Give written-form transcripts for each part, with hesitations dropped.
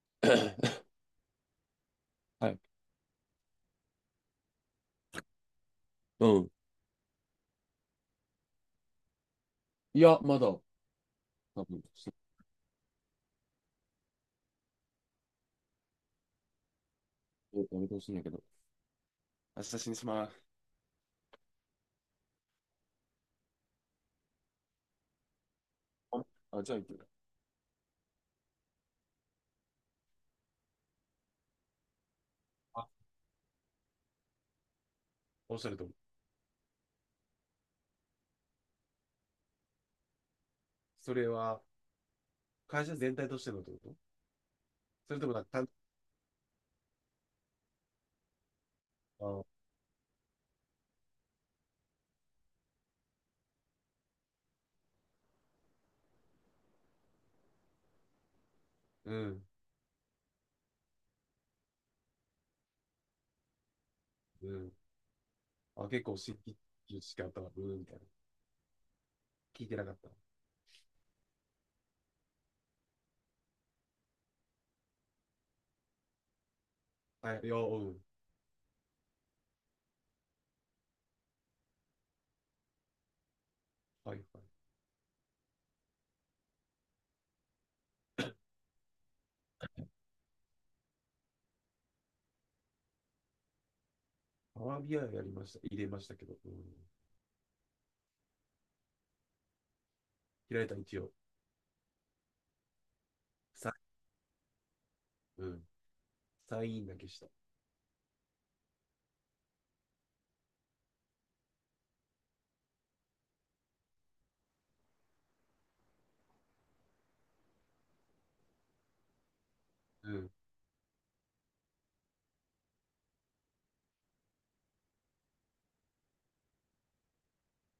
はい。うん。いや、まだ、多分、やめてほしいんだけど。明日死にします。あ、じゃあ行く。あ、おっしゃると思う。それは、会社全体としてのってこと？それともなんか単、あ、うん、うん。あ、結構新規知識あったわ。うん、みたいな。聞いてなかった。はい、いや、うん。はい、はい。パワービアやりました。入れましたけど。うん。開いた一応。サイン、うん。サインだけした。うん。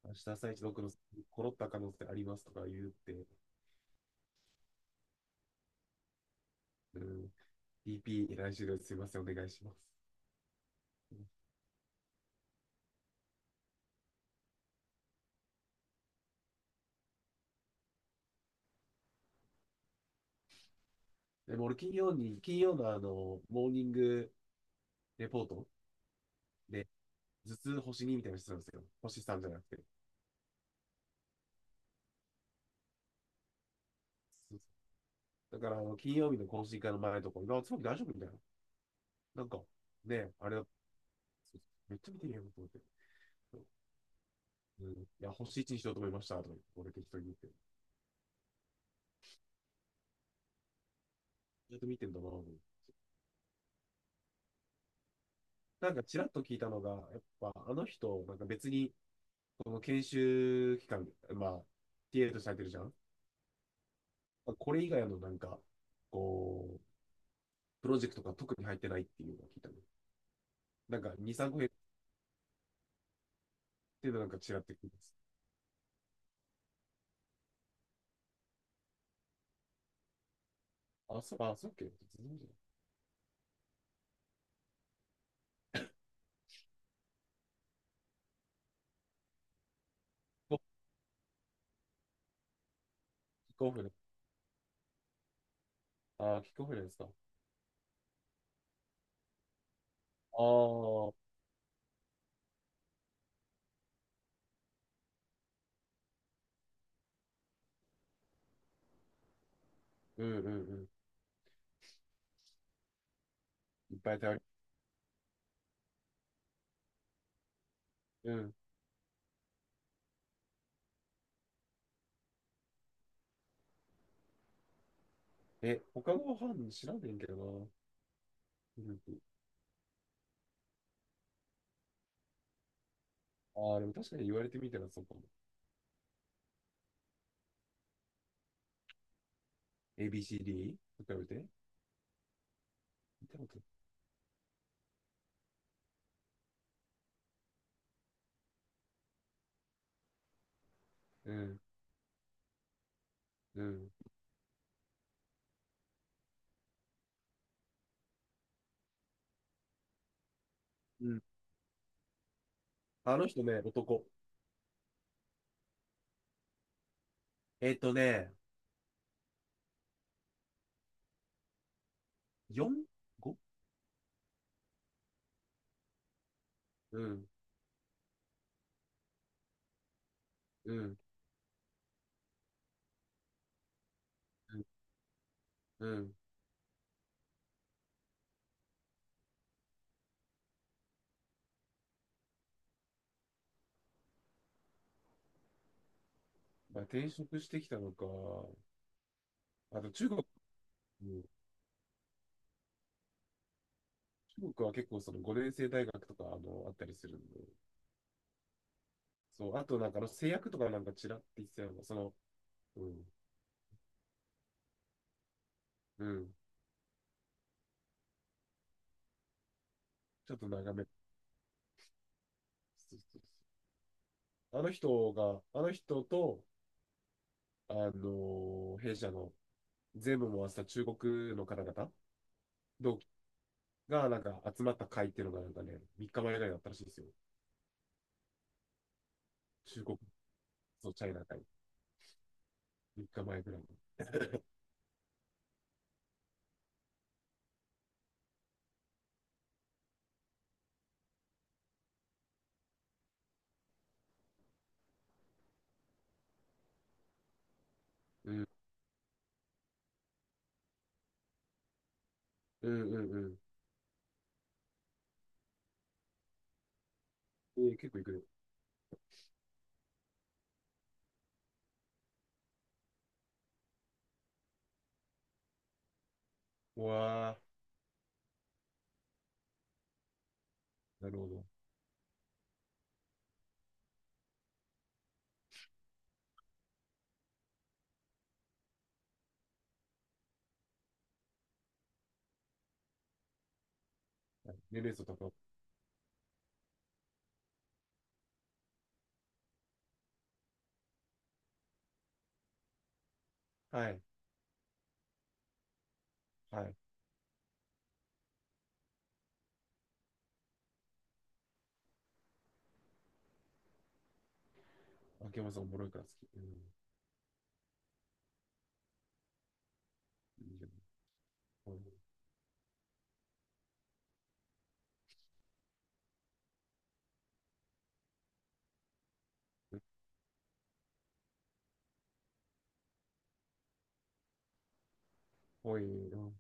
明日朝一僕のコロッた可能性ありますとか言って、うん。 DP、来週ですいません、お願いします。うん。でも俺、金曜のモーニングレポートで、頭痛星2みたいなのしてたんですよ。星3じゃなくて。そうそうだから、あの金曜日の懇親会の前とか、あ、つまり大丈夫みたいな。なんか、ね、あれだ、そう、めっちゃ見てるよと思って。そう、うん、いや、星1にしようと思いました、とか言って俺適当に言って。ずっと見てんだなと思って、なんか、ちらっと聞いたのが、やっぱ、あの人、なんか別に、この研修期間、まあ、TA とされてるじゃん。まあこれ以外のなんか、こう、プロジェクトが特に入ってないっていうのが聞いたの。なんか、2、3個減ってるのなんか違ってくるんです。あ、そう、あ、そうっけ？全然じゃない。キックオフね。ああ、キックオフですか。ああ、うんうんうん。いっぱい頼り。うん。え、他の班知らんねんけどな。グループ。ああ、でも確かに言われてみたらそうかも。ABCD？ と比べて。見たことない。うん、うん。うん。あの人ね、男。えっとね、4?5? うん、うん、うん、うん。まあ、転職してきたのか、あと中国は結構その五年生大学とかあったりするんで、そう、あとなんかあの製薬とかなんかちらって言ってたような、その、うん、うん、ちょっと長め。そうそうそう、あの人が、あの人と、あの弊社の全部回した中国の方々、同期がなんか集まった会っていうのがなんかね、3日前ぐらいだったらしいですよ。中国、そう、チャイナ会、3日前ぐらいに。うん、うん、うん、うん。結構行くね。うわー、なるほど。はい、ネベソとか、はい、はい。秋山さんおもろいから好き。うん。いいよね。ほい、ほい、うん、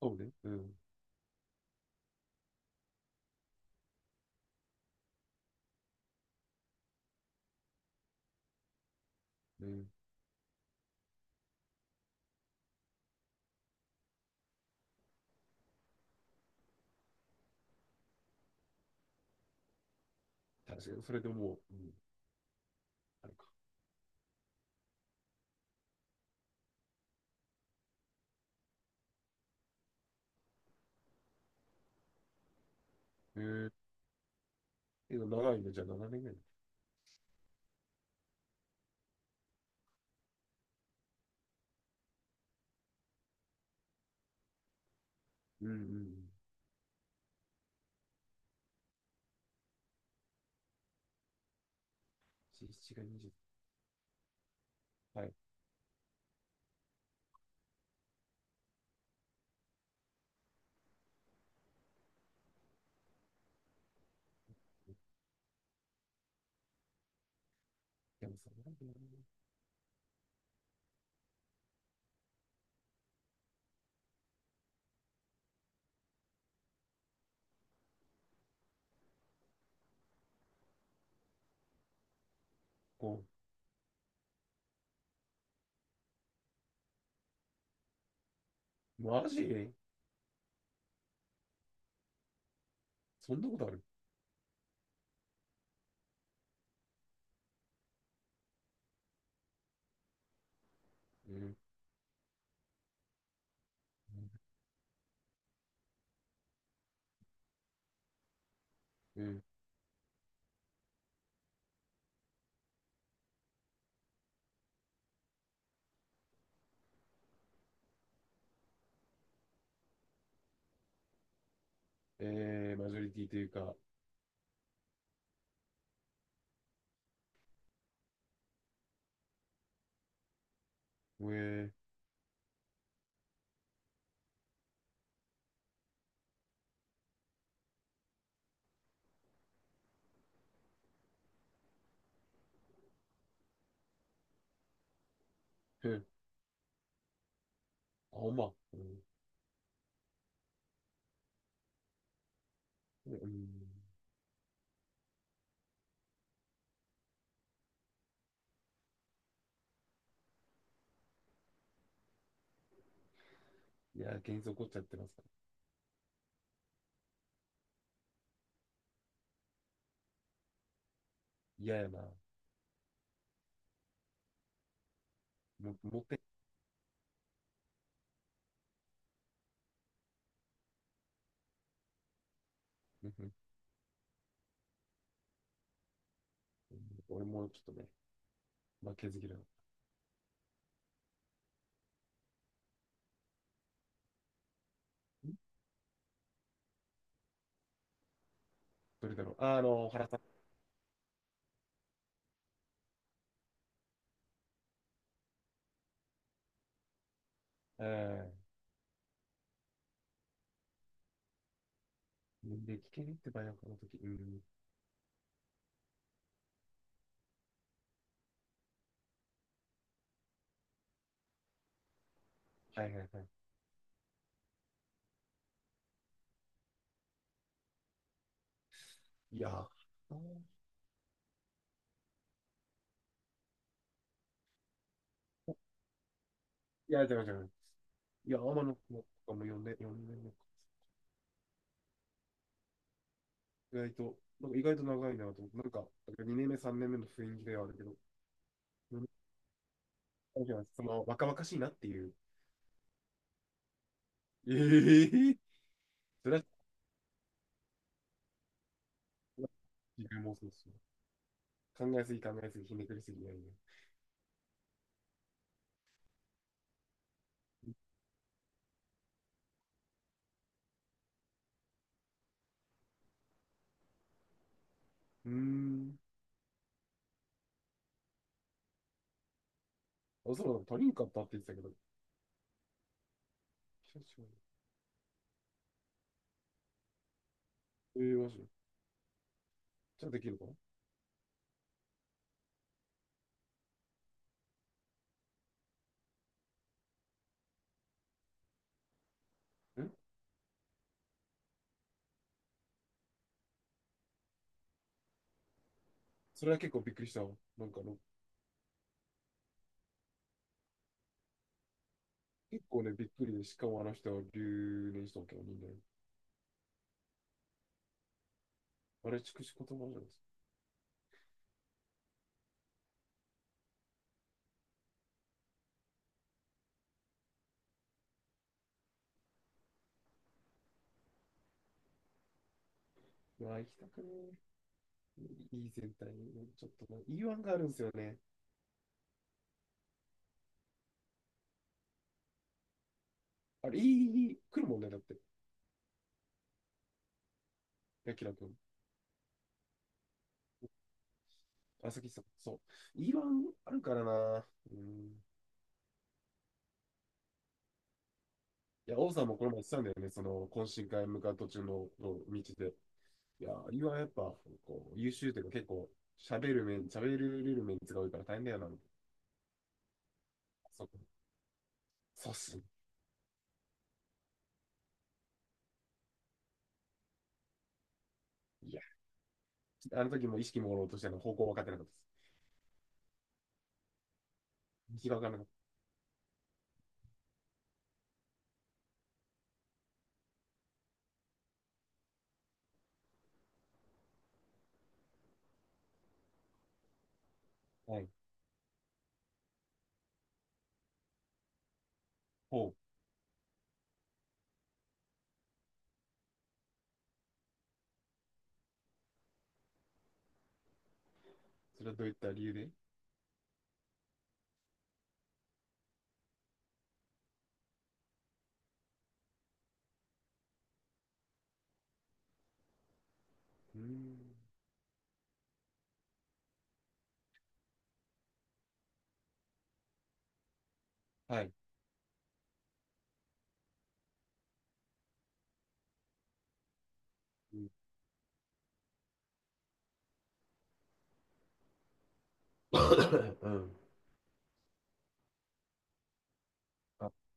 そうね。うん。ね、確かに、それでもう、うん、あるか。へええ長いね、じゃあ7年ぐらい。うんうんうん。7、が20。はい。でもさ、なんでやるの？こう、マジ？そんなことある？うん。うん。マジョリティというか、えー、うん、あ、ほんま。うん。うん。いや、幻想起こっちゃってますから。嫌やな。もって。う俺もちょっとね、負けず嫌い。ん、どれだろう。あの、原さん。ええ。年齢聞けねってばよ、この時。うん。はいはいはい。いやー、いや、違う違う。いや、天野君とかも呼んで年目か。意外と、なんか意外と長いなと思って、なんか、2年目、3年目の雰囲気ではあるけど、四年目じゃない、若々しいなっていう。ええー、それは、自分もそうですよ。考えすぎ考えすぎ、ひねくりすぎないね。うーん。あ、そうだ、他人かったって言ってたけど、久しぶり。ええー、マジで。ちゃんとできるかなん？それは結構びっくりしたわ。なんか結構ね、びっくりで、しかもあの人は留年したわけよ、人間。あれ、筑紫言葉じゃないですか。うわ、行きたくねえ。いい全体に、ちょっとな、いいワンがあるんですよね。あれ、いい、いい、来るもんね、だって。ヤキラ君。あ、さきさん。そう。いいワンあるからな。うん。いや、王さんもこの前言ってたんだよね、懇親会向かう途中の、道で。いや、やっぱ、こう、優秀というか結構、喋る面が多いから大変だよな。そう、そうっす。いや、あの時も意識もろうとしての方向分かってなかったです。道が分からなかった。はい。ほう。それはどういった理由で。うーん。はい。うん。うん、あ、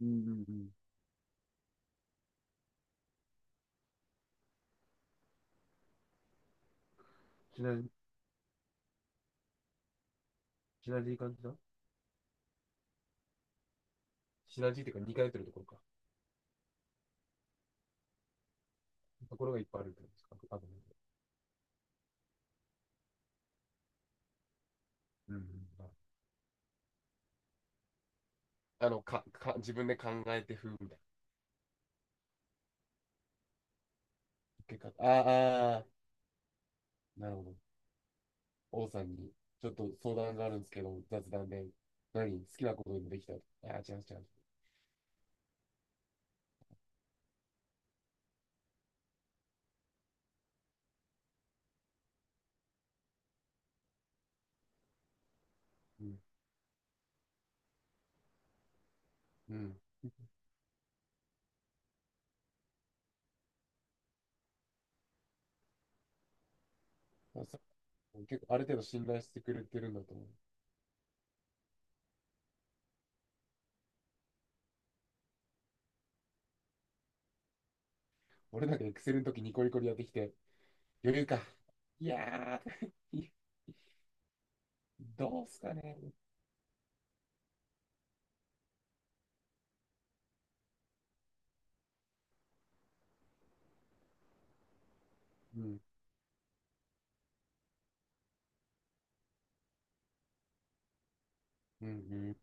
うんうんうん。シナジー、シナジー感じだ。シナジーっていうか2回ってるところか。ところがいっぱいあるってことですか、あとね、うんうん、か、自分で考えて風みたいな結果、ああ、あー、なるほど。王さんに、ちょっと相談があるんですけど、雑談で、何、好きなことでもできた？ああー、違う違う。うん。うん。結構ある程度信頼してくれてるんだと思う。俺なんかエクセルの時ニコニコでやってきて、余裕か。いやー、どうすかね。うん、うん、うん。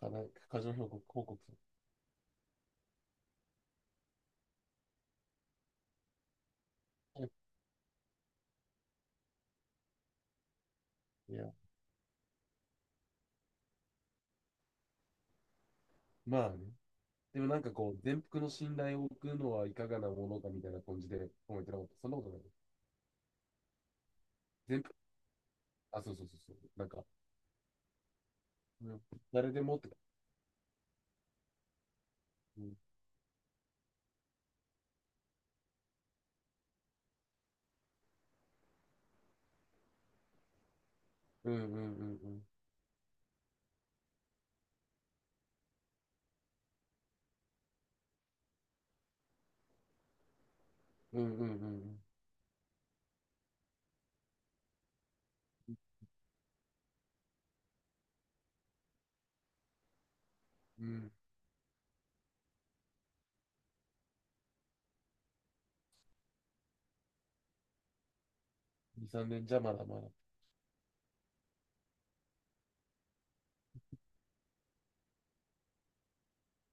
課題、過剰報告、報告。いや、まあね。でもなんかこう、全幅の信頼を置くのはいかがなものかみたいな感じで思ってなかった。そんなことない。全幅、あ、そうそうそうそう。なんか、うん、誰でもって。うん、うん、うん、うん。うん、うん、うん。うん、2、3年じゃまだまだ。い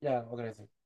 や、わかります。